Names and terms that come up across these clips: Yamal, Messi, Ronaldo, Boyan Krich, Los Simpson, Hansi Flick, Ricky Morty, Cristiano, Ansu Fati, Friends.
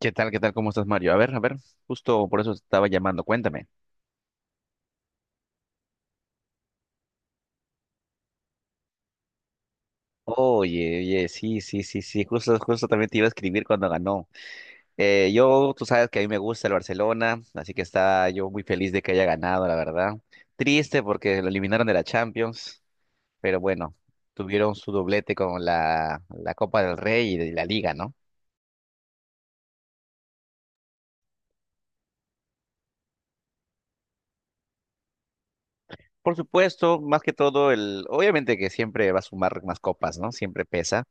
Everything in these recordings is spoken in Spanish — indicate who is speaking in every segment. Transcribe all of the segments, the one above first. Speaker 1: ¿Qué tal? ¿Qué tal? ¿Cómo estás, Mario? A ver, justo por eso te estaba llamando, cuéntame. Oye, oye, sí, sí, sí, sí, justo también te iba a escribir cuando ganó. Tú sabes que a mí me gusta el Barcelona, así que está yo muy feliz de que haya ganado, la verdad. Triste porque lo eliminaron de la Champions, pero bueno, tuvieron su doblete con la Copa del Rey y de la Liga, ¿no? Por supuesto, más que todo, el, obviamente que siempre va a sumar más copas, ¿no? Siempre pesa.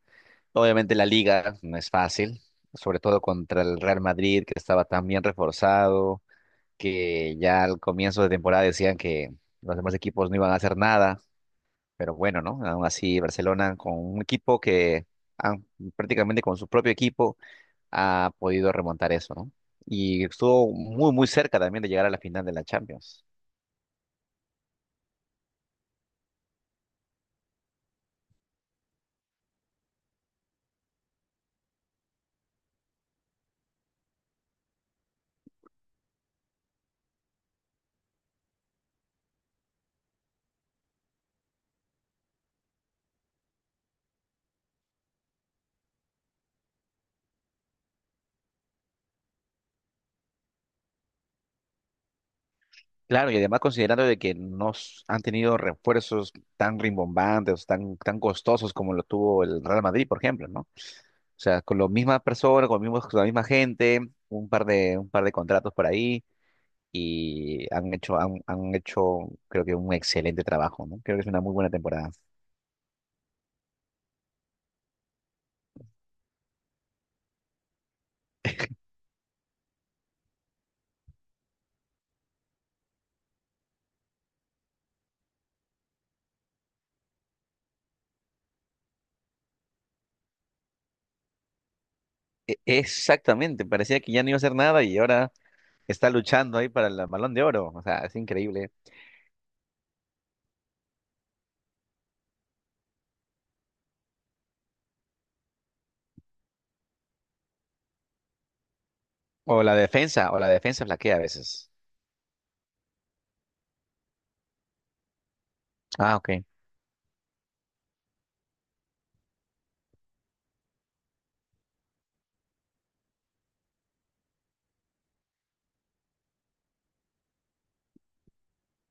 Speaker 1: Obviamente la liga no es fácil, sobre todo contra el Real Madrid, que estaba tan bien reforzado, que ya al comienzo de temporada decían que los demás equipos no iban a hacer nada, pero bueno, ¿no? Aún así, Barcelona con un equipo que ah, prácticamente con su propio equipo ha podido remontar eso, ¿no? Y estuvo muy, muy cerca también de llegar a la final de la Champions. Claro, y además considerando de que no s- han tenido refuerzos tan rimbombantes, tan, tan costosos como lo tuvo el Real Madrid, por ejemplo, ¿no? O sea, con la misma persona, con, con la misma gente, un par de contratos por ahí y han hecho, creo que un excelente trabajo, ¿no? Creo que es una muy buena temporada. Exactamente, parecía que ya no iba a hacer nada y ahora está luchando ahí para el Balón de Oro. O sea, es increíble. O la defensa flaquea a veces. Ah, ok.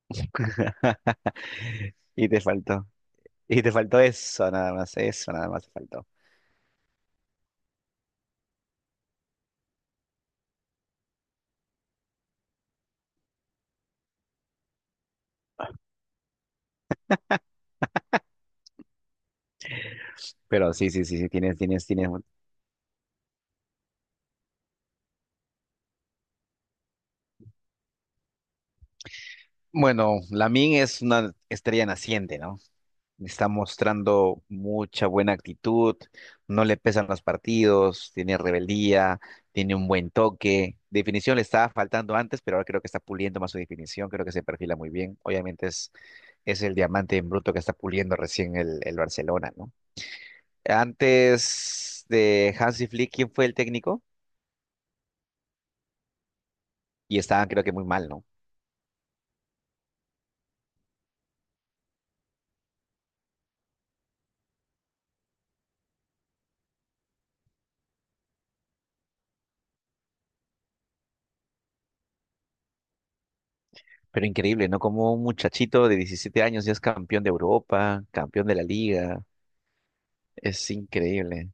Speaker 1: Y te faltó. Y te faltó eso nada más te faltó. Pero sí, sí, sí, sí, tienes, tienes, tienes. Bueno, Lamine es una estrella naciente, ¿no? Está mostrando mucha buena actitud, no le pesan los partidos, tiene rebeldía, tiene un buen toque. Definición le estaba faltando antes, pero ahora creo que está puliendo más su definición, creo que se perfila muy bien. Obviamente es el diamante en bruto que está puliendo recién el Barcelona, ¿no? Antes de Hansi Flick, ¿quién fue el técnico? Y estaban creo que muy mal, ¿no? Pero increíble, ¿no? Como un muchachito de 17 años ya es campeón de Europa, campeón de la liga. Es increíble.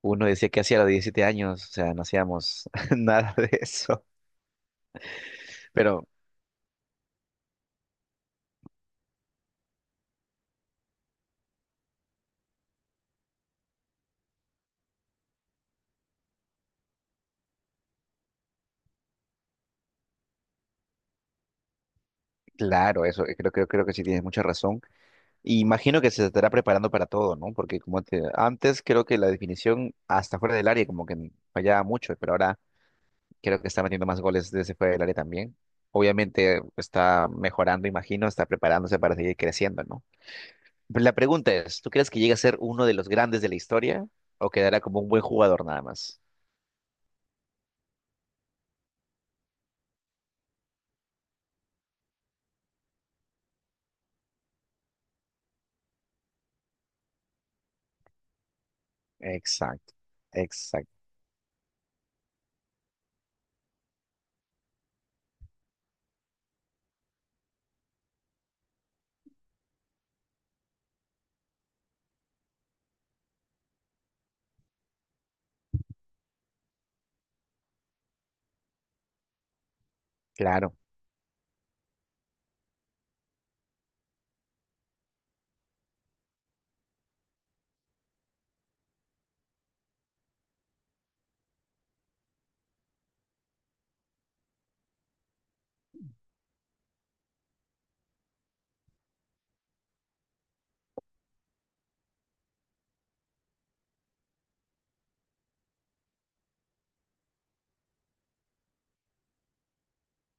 Speaker 1: Uno decía que hacía a los 17 años, o sea, no hacíamos nada de eso. Pero claro, eso creo que sí tienes mucha razón. Y imagino que se estará preparando para todo, ¿no? Porque como te, antes creo que la definición hasta fuera del área como que fallaba mucho, pero ahora creo que está metiendo más goles desde fuera del área también. Obviamente está mejorando, imagino, está preparándose para seguir creciendo, ¿no? La pregunta es, ¿tú crees que llegue a ser uno de los grandes de la historia o quedará como un buen jugador nada más? Exacto, exacto, claro,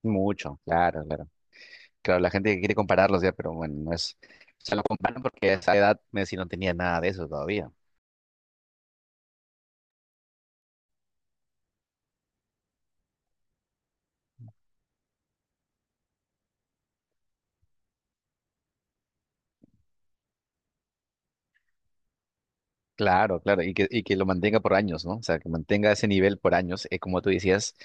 Speaker 1: mucho, claro, claro. Claro, la gente quiere compararlos ya, pero bueno, no es, se lo comparan porque a esa edad Messi no tenía nada de eso todavía. Claro, claro, y que lo mantenga por años, ¿no? O sea, que mantenga ese nivel por años, como tú decías,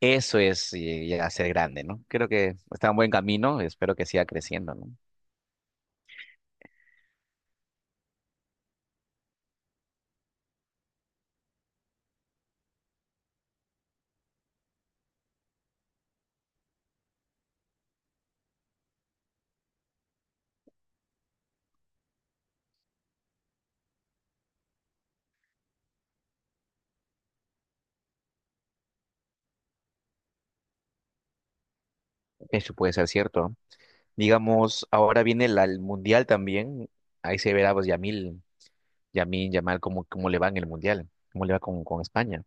Speaker 1: eso es llegar a ser grande, ¿no? Creo que está en buen camino, espero que siga creciendo, ¿no? Eso puede ser cierto. Digamos, ahora viene el Mundial también. Ahí se verá, pues, Yamal, cómo, cómo le va en el Mundial, cómo le va con España.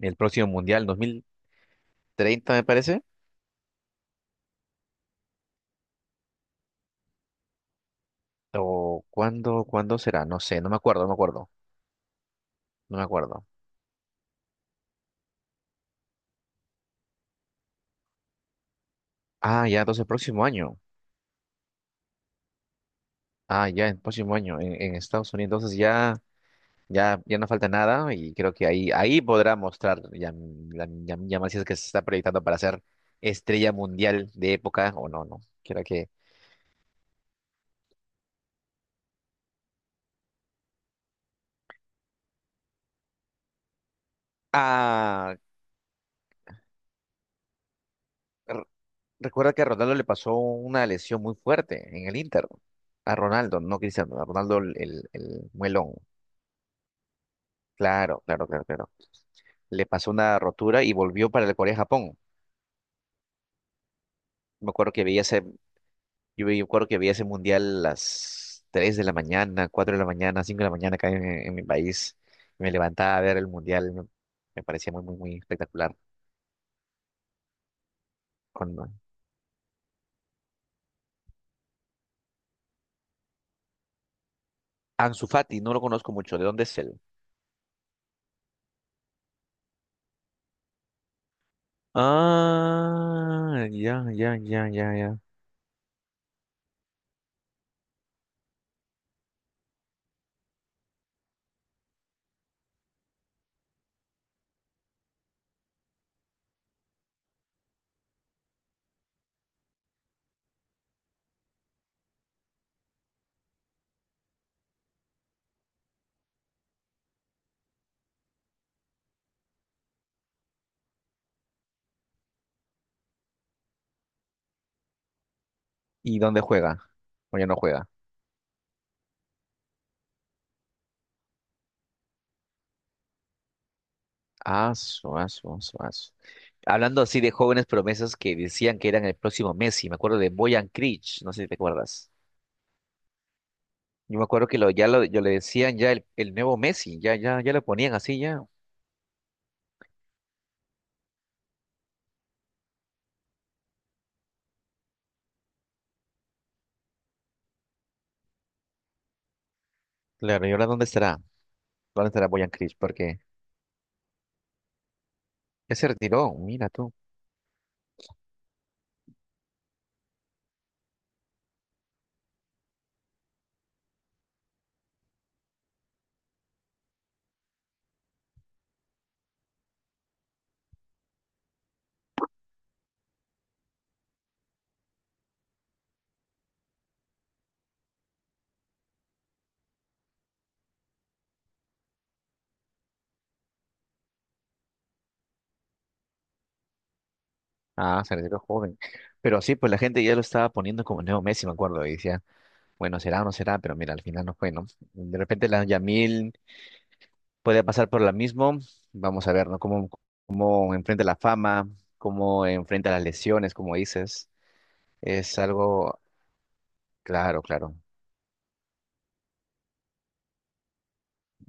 Speaker 1: El próximo Mundial, 2030, me parece. ¿O cuándo, cuándo será? No sé, no me acuerdo. Ah, ya, entonces el próximo año. Ah, ya, el próximo año en Estados Unidos. Entonces ya, ya, ya no falta nada y creo que ahí, ahí podrá mostrar Yamal si es que se está proyectando para ser estrella mundial de época o no, no. Creo que... Ah, r- recuerda que a Ronaldo le pasó una lesión muy fuerte en el Inter. A Ronaldo, no Cristiano, a Ronaldo el muelón. Claro, claro, claro, claro. Le pasó una rotura y volvió para el Corea-Japón. Me acuerdo que veía ese, Yo me acuerdo que veía ese mundial a las 3 de la mañana, 4 de la mañana, 5 de la mañana acá en mi país. Me levantaba a ver el mundial, me parecía muy, muy, muy espectacular. Cuando... Ansu Fati, no lo conozco mucho, ¿de dónde es él? Ah, ya. ¿Y dónde juega? ¿O ya no juega? Ah, su, ah, su, ah, su, ah, su. Hablando así de jóvenes promesas que decían que eran el próximo Messi, me acuerdo de Boyan Krich, no sé si te acuerdas. Yo me acuerdo que yo le decían ya el nuevo Messi, ya, ya, ya lo ponían así ya. Claro, ¿y ahora dónde estará? ¿Dónde estará Boyan Krich? Porque ya se retiró, mira tú. Ah, se retiró joven. Pero sí, pues la gente ya lo estaba poniendo como el nuevo Messi, me acuerdo, y decía, bueno, será o no será, pero mira, al final no fue, ¿no? De repente la Yamil puede pasar por la misma. Vamos a ver, ¿no? Cómo, cómo enfrenta la fama, cómo enfrenta las lesiones, como dices. Es algo, claro, claro.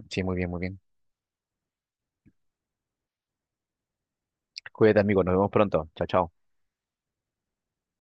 Speaker 1: Sí, muy bien, muy bien. Cuídate, amigo. Nos vemos pronto. Chao, chao.